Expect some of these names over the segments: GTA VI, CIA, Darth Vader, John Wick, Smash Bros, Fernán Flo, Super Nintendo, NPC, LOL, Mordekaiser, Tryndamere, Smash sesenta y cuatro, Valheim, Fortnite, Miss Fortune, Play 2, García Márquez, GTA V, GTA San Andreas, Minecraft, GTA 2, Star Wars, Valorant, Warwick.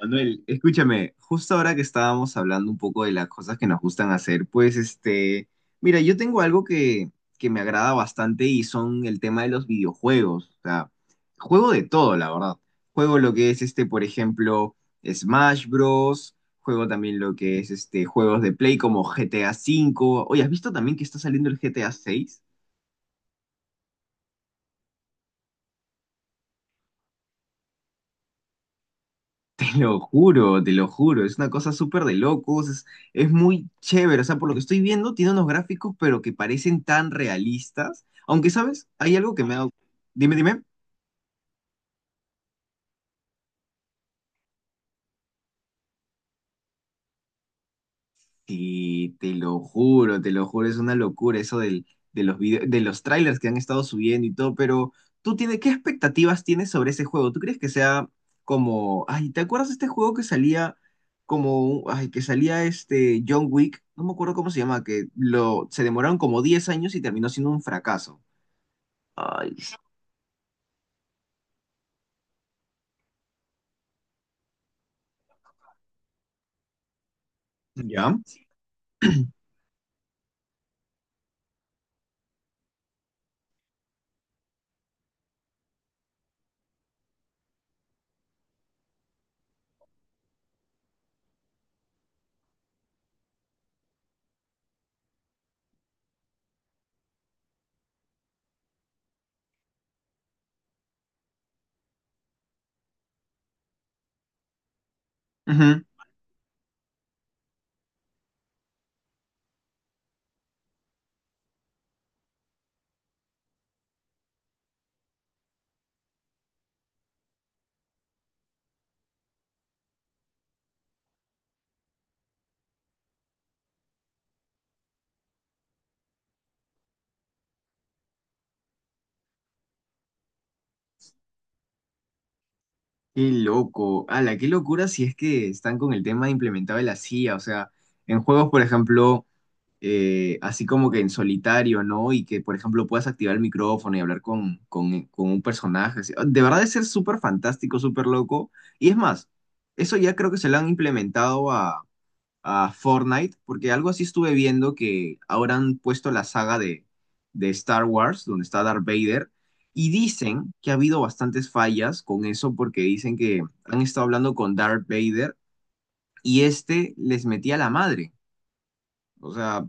Manuel, escúchame, justo ahora que estábamos hablando un poco de las cosas que nos gustan hacer, pues mira, yo tengo algo que me agrada bastante y son el tema de los videojuegos. O sea, juego de todo, la verdad. Juego lo que es por ejemplo, Smash Bros. Juego también lo que es juegos de Play como GTA V. Oye, ¿has visto también que está saliendo el GTA VI? Te lo juro, es una cosa súper de locos, es muy chévere, o sea, por lo que estoy viendo, tiene unos gráficos pero que parecen tan realistas, aunque, ¿sabes? Hay algo que me ha... Dime, dime. Sí, te lo juro, es una locura eso de los trailers que han estado subiendo y todo, pero ¿qué expectativas tienes sobre ese juego? ¿Tú crees que sea como, ay, te acuerdas de este juego que salía como, ay, que salía este John Wick? No me acuerdo cómo se llama, se demoraron como 10 años y terminó siendo un fracaso. Ay, ¿ya? Ujú. Qué loco, ala, qué locura si es que están con el tema implementado de la C I A, o sea, en juegos, por ejemplo... así como que en solitario, ¿no? Y que, por ejemplo, puedas activar el micrófono y hablar con un personaje. Así. De verdad es ser súper fantástico, súper loco. Y es más, eso ya creo que se lo han implementado a Fortnite, porque algo así estuve viendo que ahora han puesto la saga de Star Wars, donde está Darth Vader. Y dicen que ha habido bastantes fallas con eso porque dicen que han estado hablando con Darth Vader y este les metía la madre. O sea,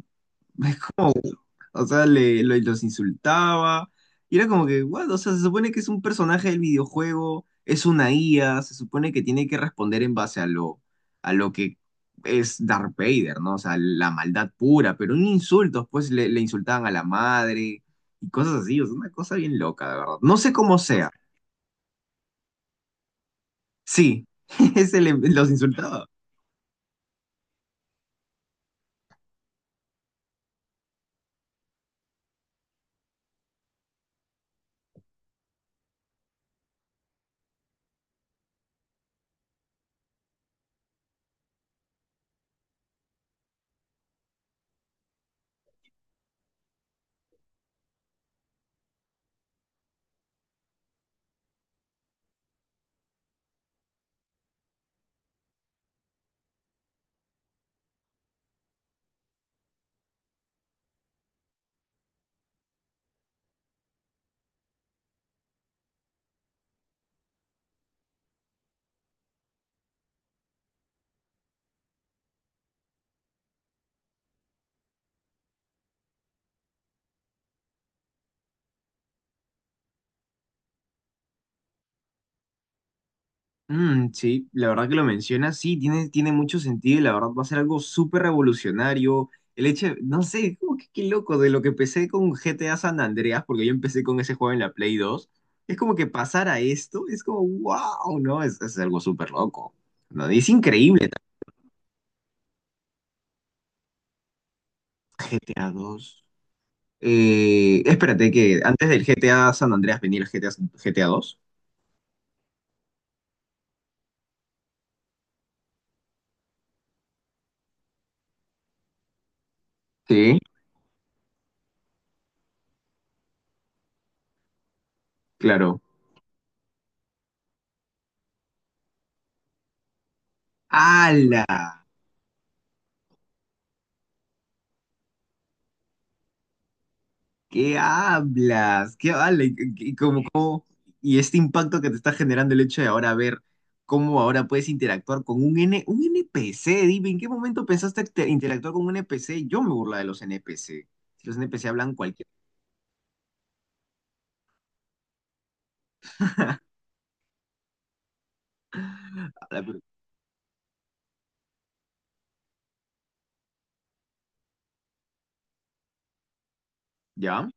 Los insultaba. Y era como que, ¿what? O sea, se supone que es un personaje del videojuego, es una IA, se supone que tiene que responder en base a lo que es Darth Vader, ¿no? O sea, la maldad pura, pero un insulto, pues le insultaban a la madre y cosas así, o sea, una cosa bien loca, de verdad. No sé cómo sea. Sí, ese los insultaba. Mm, sí, la verdad que lo mencionas, sí, tiene mucho sentido y la verdad va a ser algo súper revolucionario. El hecho, no sé, como que qué loco, de lo que empecé con GTA San Andreas, porque yo empecé con ese juego en la Play 2, es como que pasar a esto, es como, wow, ¿no? Es algo súper loco, ¿no? Y es increíble también, GTA 2. Espérate que antes del GTA San Andreas venía el GTA, GTA 2. Sí, claro. ¡Hala! ¿Qué hablas? ¿Qué vale? ¿Y y este impacto que te está generando el hecho de ahora ver cómo ahora puedes interactuar con un NPC? Dime, ¿en qué momento pensaste interactuar con un NPC? Yo me burla de los NPC. Los NPC hablan cualquier... palabra, pero- ¿Ya?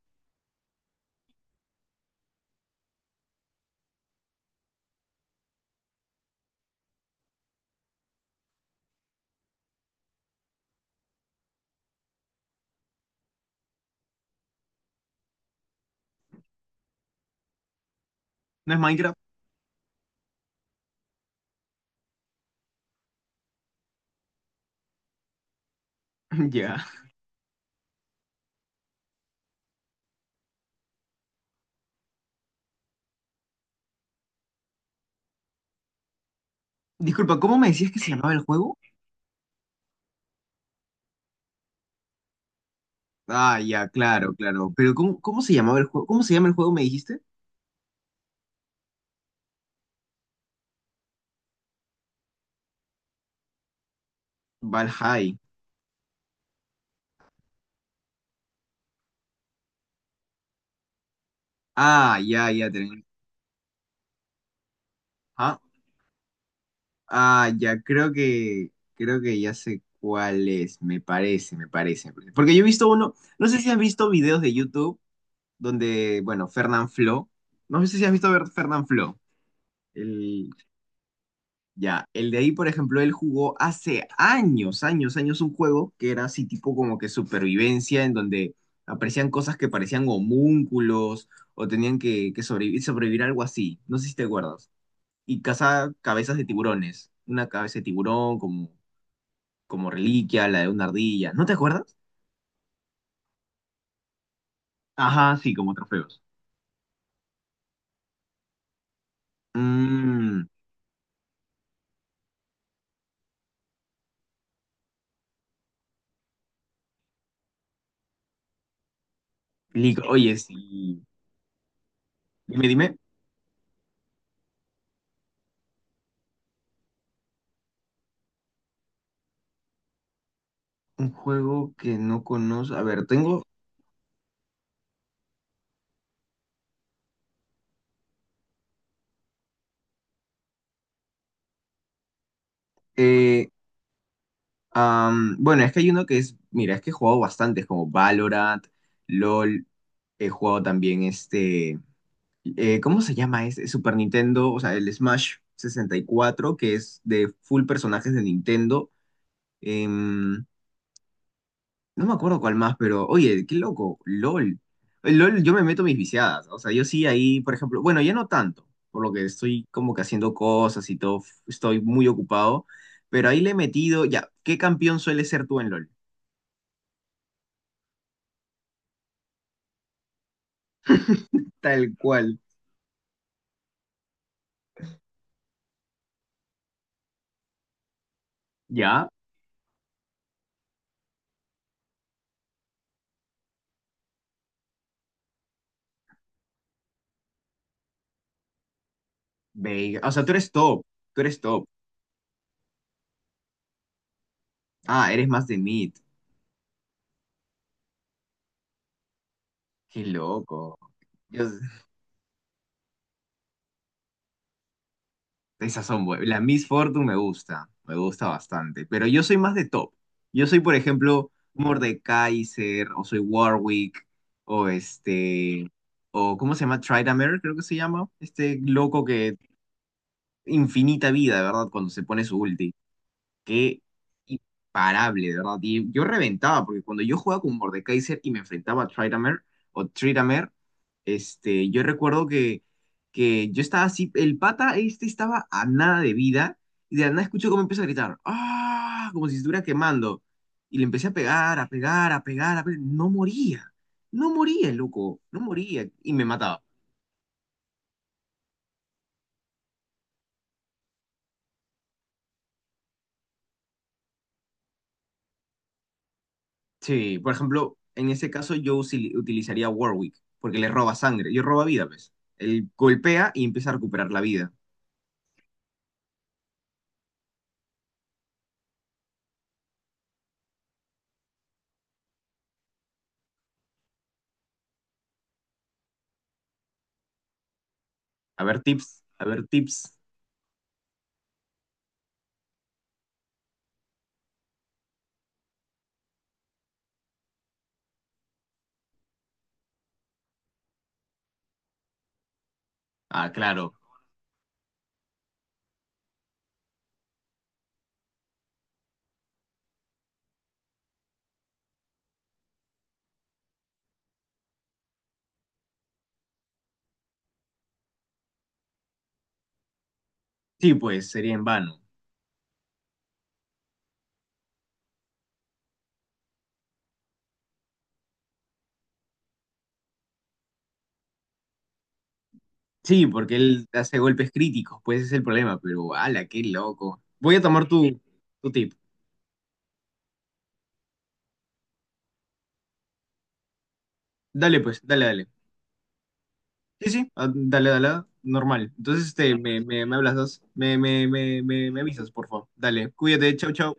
¿No es Minecraft? Ya. Disculpa, ¿cómo me decías que se llamaba el juego? Ah, ya, claro, claro. Pero ¿cómo se llamaba el juego? ¿Cómo se llama el juego, me dijiste? Valheim. Ah, ya, ya. Te... Ah, ya, creo que ya sé cuál es, me parece, me parece. Porque yo he visto uno, no sé si has visto videos de YouTube donde, bueno, Fernán Flo, no sé si has visto ver Fernán Flo, el, ya, el de ahí, por ejemplo, él jugó hace años, años, años un juego que era así tipo como que supervivencia, en donde aparecían cosas que parecían homúnculos o tenían que sobrevivir, sobrevivir algo así, no sé si te acuerdas, y caza cabezas de tiburones. Una cabeza de tiburón, como reliquia, la de una ardilla. ¿No te acuerdas? Ajá, sí, como trofeos. Mmm. Oye, sí. Dime, dime. Un juego que no conozco. A ver, tengo. eh, bueno, es que hay uno que es. Mira, es que he jugado bastantes, como Valorant, LOL. He jugado también este. ¿Cómo se llama? Es, Super Nintendo, o sea, el Smash 64, que es de full personajes de Nintendo. em, No me acuerdo cuál más, pero oye, qué loco, LOL. El LOL, yo me meto mis viciadas. O sea, yo sí ahí, por ejemplo, bueno, ya no tanto, por lo que estoy como que haciendo cosas y todo, estoy muy ocupado, pero ahí le he metido, ya, ¿qué campeón suele ser tú en LOL? Tal cual, ya, Veiga. O sea, tú eres top, tú eres top. Ah, eres más de mid. Qué loco. Dios. Esas son buenas. La Miss Fortune me gusta bastante. Pero yo soy más de top. Yo soy, por ejemplo, Mordekaiser, o soy Warwick, o este, o ¿cómo se llama? Tryndamere, creo que se llama. Este loco que infinita vida, ¿verdad? Cuando se pone su ulti. Qué imparable, de verdad. Y yo reventaba, porque cuando yo jugaba con Mordekaiser y me enfrentaba a Tryndamere o Tryndamere, este, yo recuerdo que yo estaba así, el pata este estaba a nada de vida, y de la nada escucho cómo empieza a gritar, ¡ah!, como si estuviera quemando. Y le empecé a pegar, a pegar, a pegar, a pegar. No moría, no moría, loco, no moría. Y me mataba. Sí, por ejemplo, en ese caso yo utilizaría Warwick, porque le roba sangre. Yo roba vida, ves. Él golpea y empieza a recuperar la vida. A ver, tips, a ver, tips. Ah, claro. Sí, pues sería en vano. Sí, porque él hace golpes críticos, pues ese es el problema, pero ala, qué loco. Voy a tomar tu tip. Dale, pues, dale, dale. Sí, sí, ah, dale, dale, normal. Entonces, este, me hablas dos. Me avisas, por favor. Dale, cuídate, chau, chau.